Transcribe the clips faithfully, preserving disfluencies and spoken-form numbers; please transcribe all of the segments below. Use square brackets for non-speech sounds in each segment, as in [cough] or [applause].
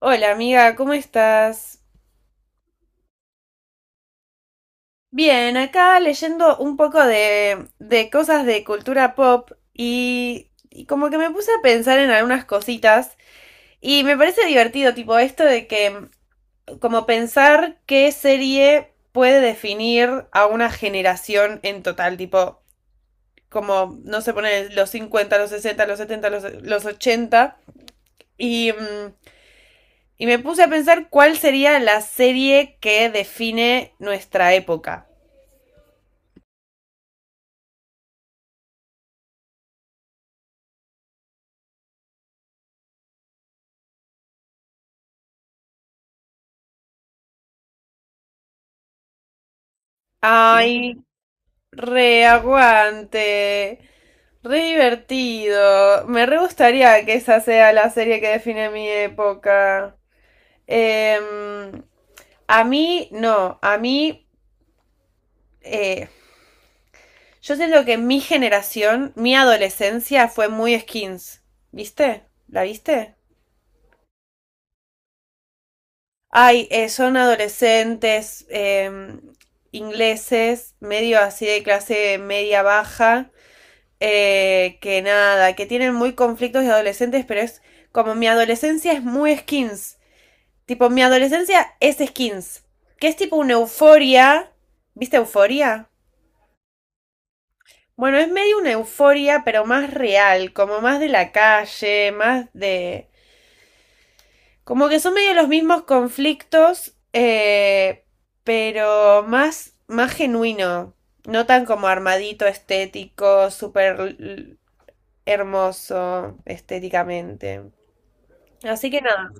Hola amiga, ¿cómo estás? Bien, acá leyendo un poco de, de cosas de cultura pop y, y como que me puse a pensar en algunas cositas y me parece divertido, tipo esto de que como pensar qué serie puede definir a una generación en total, tipo como, no se pone los cincuenta, los sesenta, los setenta, los, los ochenta y... mm, y me puse a pensar cuál sería la serie que define nuestra época. Ay, siempre. Re aguante, re divertido. Me re gustaría que esa sea la serie que define mi época. Em, a mí, no, a mí, eh, yo siento que mi generación, mi adolescencia fue muy skins. ¿Viste? ¿La viste? Ay, eh, son adolescentes em, ingleses, medio así de clase media baja, eh, que nada, que tienen muy conflictos de adolescentes, pero es como mi adolescencia es muy skins. Tipo, mi adolescencia es skins. Que es tipo una euforia. ¿Viste euforia? Bueno, es medio una euforia, pero más real, como más de la calle, más de... Como que son medio los mismos conflictos, eh, pero más, más genuino. No tan como armadito, estético, súper hermoso estéticamente. Así que nada,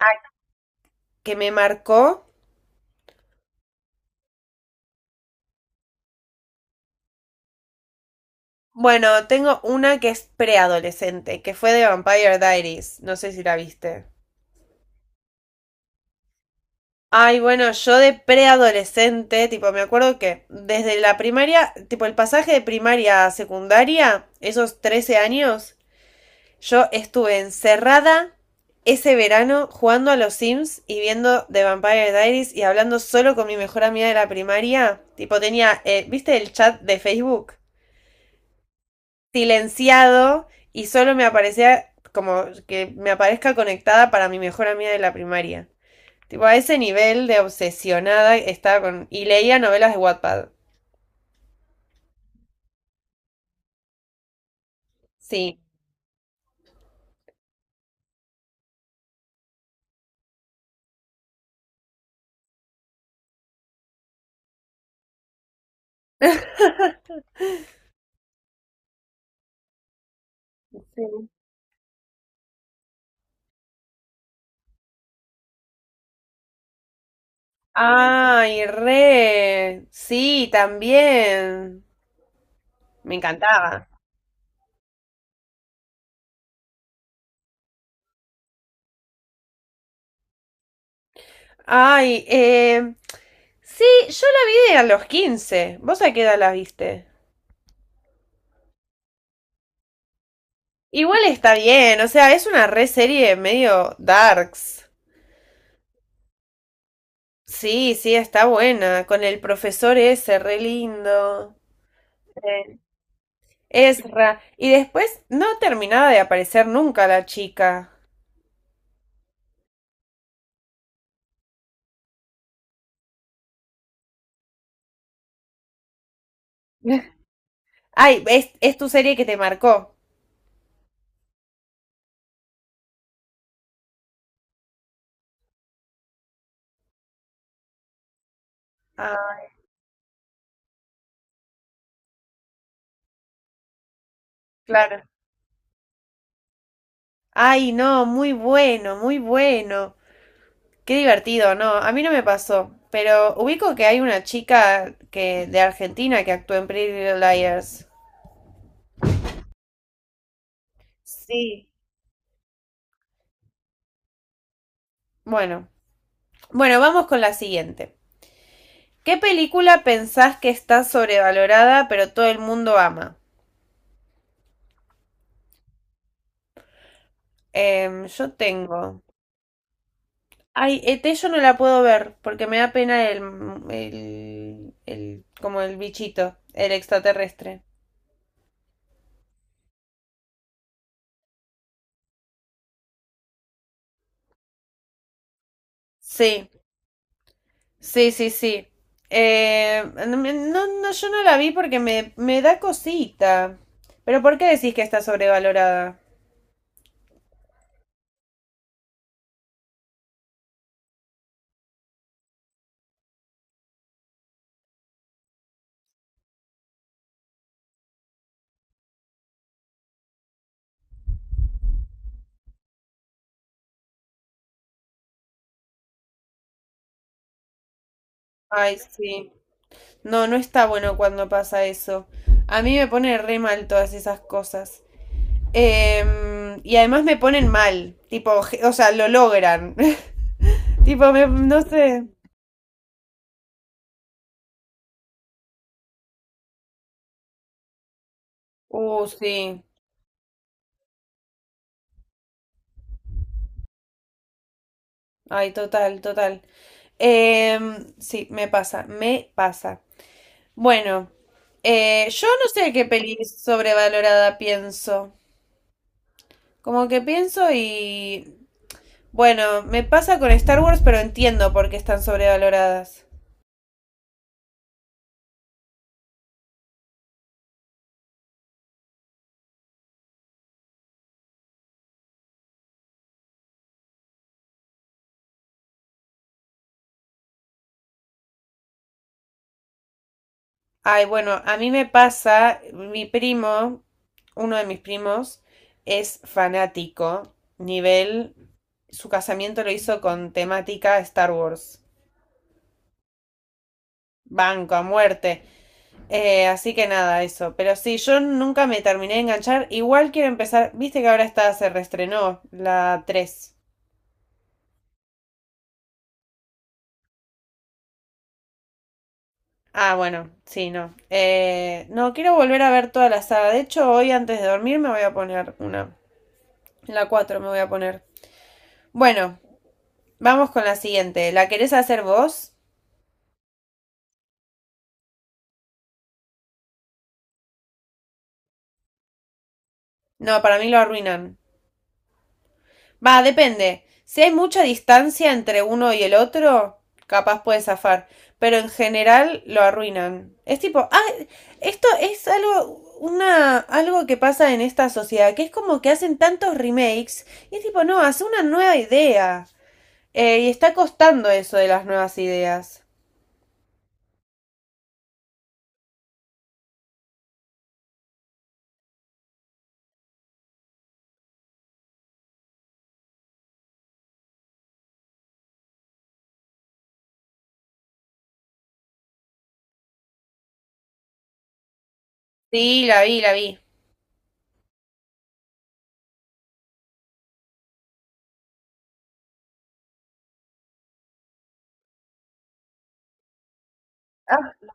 ah, que me marcó. Bueno, tengo una que es preadolescente, que fue de Vampire Diaries. No sé si la viste. Ay, bueno, yo de preadolescente, tipo, me acuerdo que desde la primaria, tipo, el pasaje de primaria a secundaria, esos trece años, yo estuve encerrada ese verano jugando a los Sims y viendo The Vampire Diaries y hablando solo con mi mejor amiga de la primaria. Tipo, tenía, eh, ¿viste el chat de Facebook? Silenciado y solo me aparecía como que me aparezca conectada para mi mejor amiga de la primaria. Tipo, a ese nivel de obsesionada estaba con... Y leía novelas de Wattpad. Sí. [laughs] Sí. Ay, re. Sí, también. Me encantaba. Ay, eh... Sí, yo la vi de a los quince. ¿Vos a qué edad la viste? Igual está bien, o sea, es una re serie medio darks. Sí, sí, está buena, con el profesor ese, re lindo. Eh, Ezra. Y después no terminaba de aparecer nunca la chica. [laughs] Ay, es, es tu serie que te marcó. Ah, claro. Ay, no, muy bueno, muy bueno. Qué divertido, no, a mí no me pasó. Pero ubico que hay una chica que, de Argentina, que actuó en Pretty Little Liars. Sí. Bueno, bueno, vamos con la siguiente. ¿Qué película pensás que está sobrevalorada pero todo el mundo ama? Em, yo tengo. Ay, E T yo no la puedo ver porque me da pena el, el, el- como el bichito, el extraterrestre. Sí, sí, sí, sí. Eh, no, me- no, no, yo no la vi porque me, me da cosita. Pero ¿por qué decís que está sobrevalorada? Ay, sí. No, no está bueno cuando pasa eso. A mí me pone re mal todas esas cosas. Em, y además me ponen mal, tipo, o sea, lo logran. [laughs] Tipo, me- no sé. Uh, sí. Ay, total, total. Em, sí, me pasa, me pasa. Bueno, eh, yo no sé qué peli sobrevalorada pienso. Como que pienso y... Bueno, me pasa con Star Wars, pero entiendo por qué están sobrevaloradas. Ay, bueno, a mí me pasa, mi primo, uno de mis primos, es fanático, nivel, su casamiento lo hizo con temática Star Wars, banco a muerte. Eh, así que nada, eso, pero sí, yo nunca me terminé de enganchar, igual quiero empezar, viste que ahora está, se reestrenó la tres. Ah, bueno, sí, no. Eh, no, quiero volver a ver toda la saga. De hecho, hoy antes de dormir me voy a poner una. La cuatro me voy a poner. Bueno, vamos con la siguiente. ¿La querés hacer vos? No, para mí lo arruinan. Va, depende. Si hay mucha distancia entre uno y el otro, capaz puede zafar. Pero en general lo arruinan. Es tipo, ah, esto es algo, una, algo que pasa en esta sociedad, que es como que hacen tantos remakes y es tipo, no, hace una nueva idea. Eh, y está costando eso de las nuevas ideas. Sí, la vi, la vi. Ah,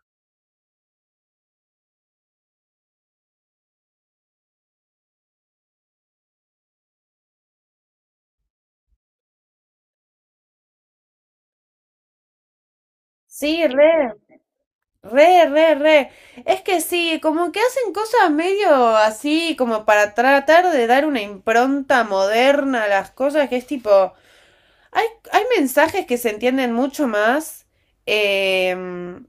sí, re. Re, re, re. Es que sí, como que hacen cosas medio así, como para tratar de dar una impronta moderna a las cosas, que es tipo, hay, hay mensajes que se entienden mucho más, em,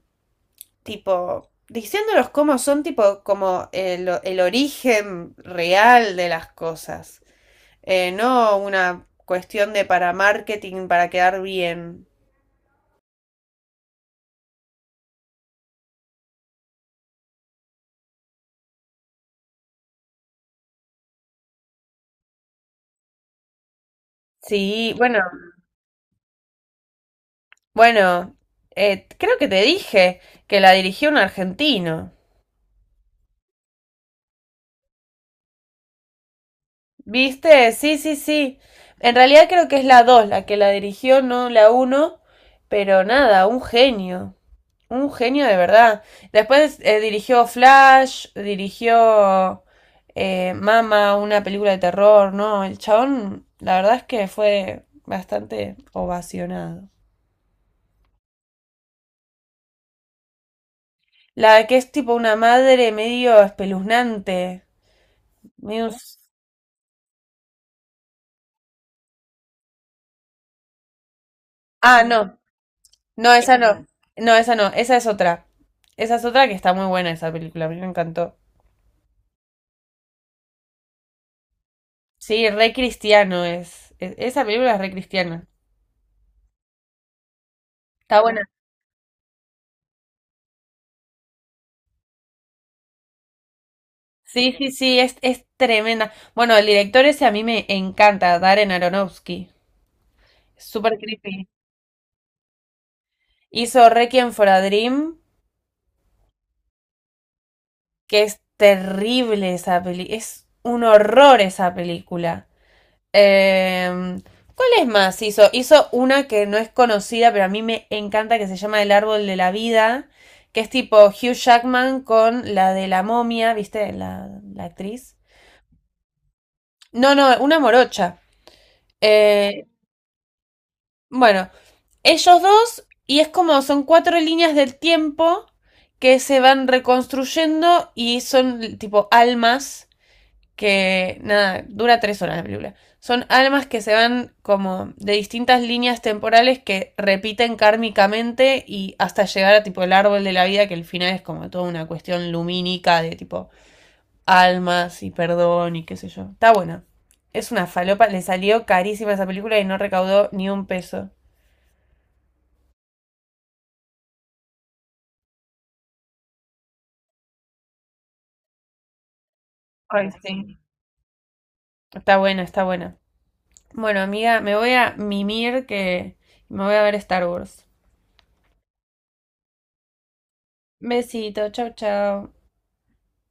tipo, diciéndolos cómo son, tipo, como el, o- el origen real de las cosas. Eh, no una cuestión de para marketing, para quedar bien. Sí, bueno. Bueno, eh, creo que te dije que la dirigió un argentino. ¿Viste? Sí, sí, sí. En realidad creo que es la dos, la que la dirigió, no la uno. Pero nada, un genio. Un genio de verdad. Después eh, dirigió Flash, dirigió eh, Mama, una película de terror, ¿no? El chabón, la verdad es que fue bastante ovacionado. La que es tipo una madre medio espeluznante. Medio... un- ah, no. No, esa no. No, esa no. Esa es otra. Esa es otra que está muy buena esa película. A mí me encantó. Sí, re cristiano es. es- esa película es re cristiana. Está buena. Sí, sí, sí, es, es tremenda. Bueno, el director ese a mí me encanta, Darren Aronofsky. Súper creepy. Hizo Requiem for a Dream, que es terrible esa peli. Es un horror esa película. Eh, ¿Cuál es más? Hizo, hizo una que no es conocida, pero a mí me encanta, que se llama El Árbol de la Vida, que es tipo Hugh Jackman con la de la momia, ¿viste? La, la actriz. No, no, una morocha. Eh, bueno, ellos dos, y es como son cuatro líneas del tiempo que se van reconstruyendo y son tipo almas que nada, dura tres horas la película. Son almas que se van como de distintas líneas temporales que repiten kármicamente y hasta llegar a tipo el árbol de la vida, que el final es como toda una cuestión lumínica de tipo almas y perdón y qué sé yo. Está buena. Es una falopa, le salió carísima esa película y no recaudó ni un peso. Ay, sí. Está buena, está buena. Bueno, amiga, me voy a mimir que me voy a ver Star Wars. Besito, chau, chau.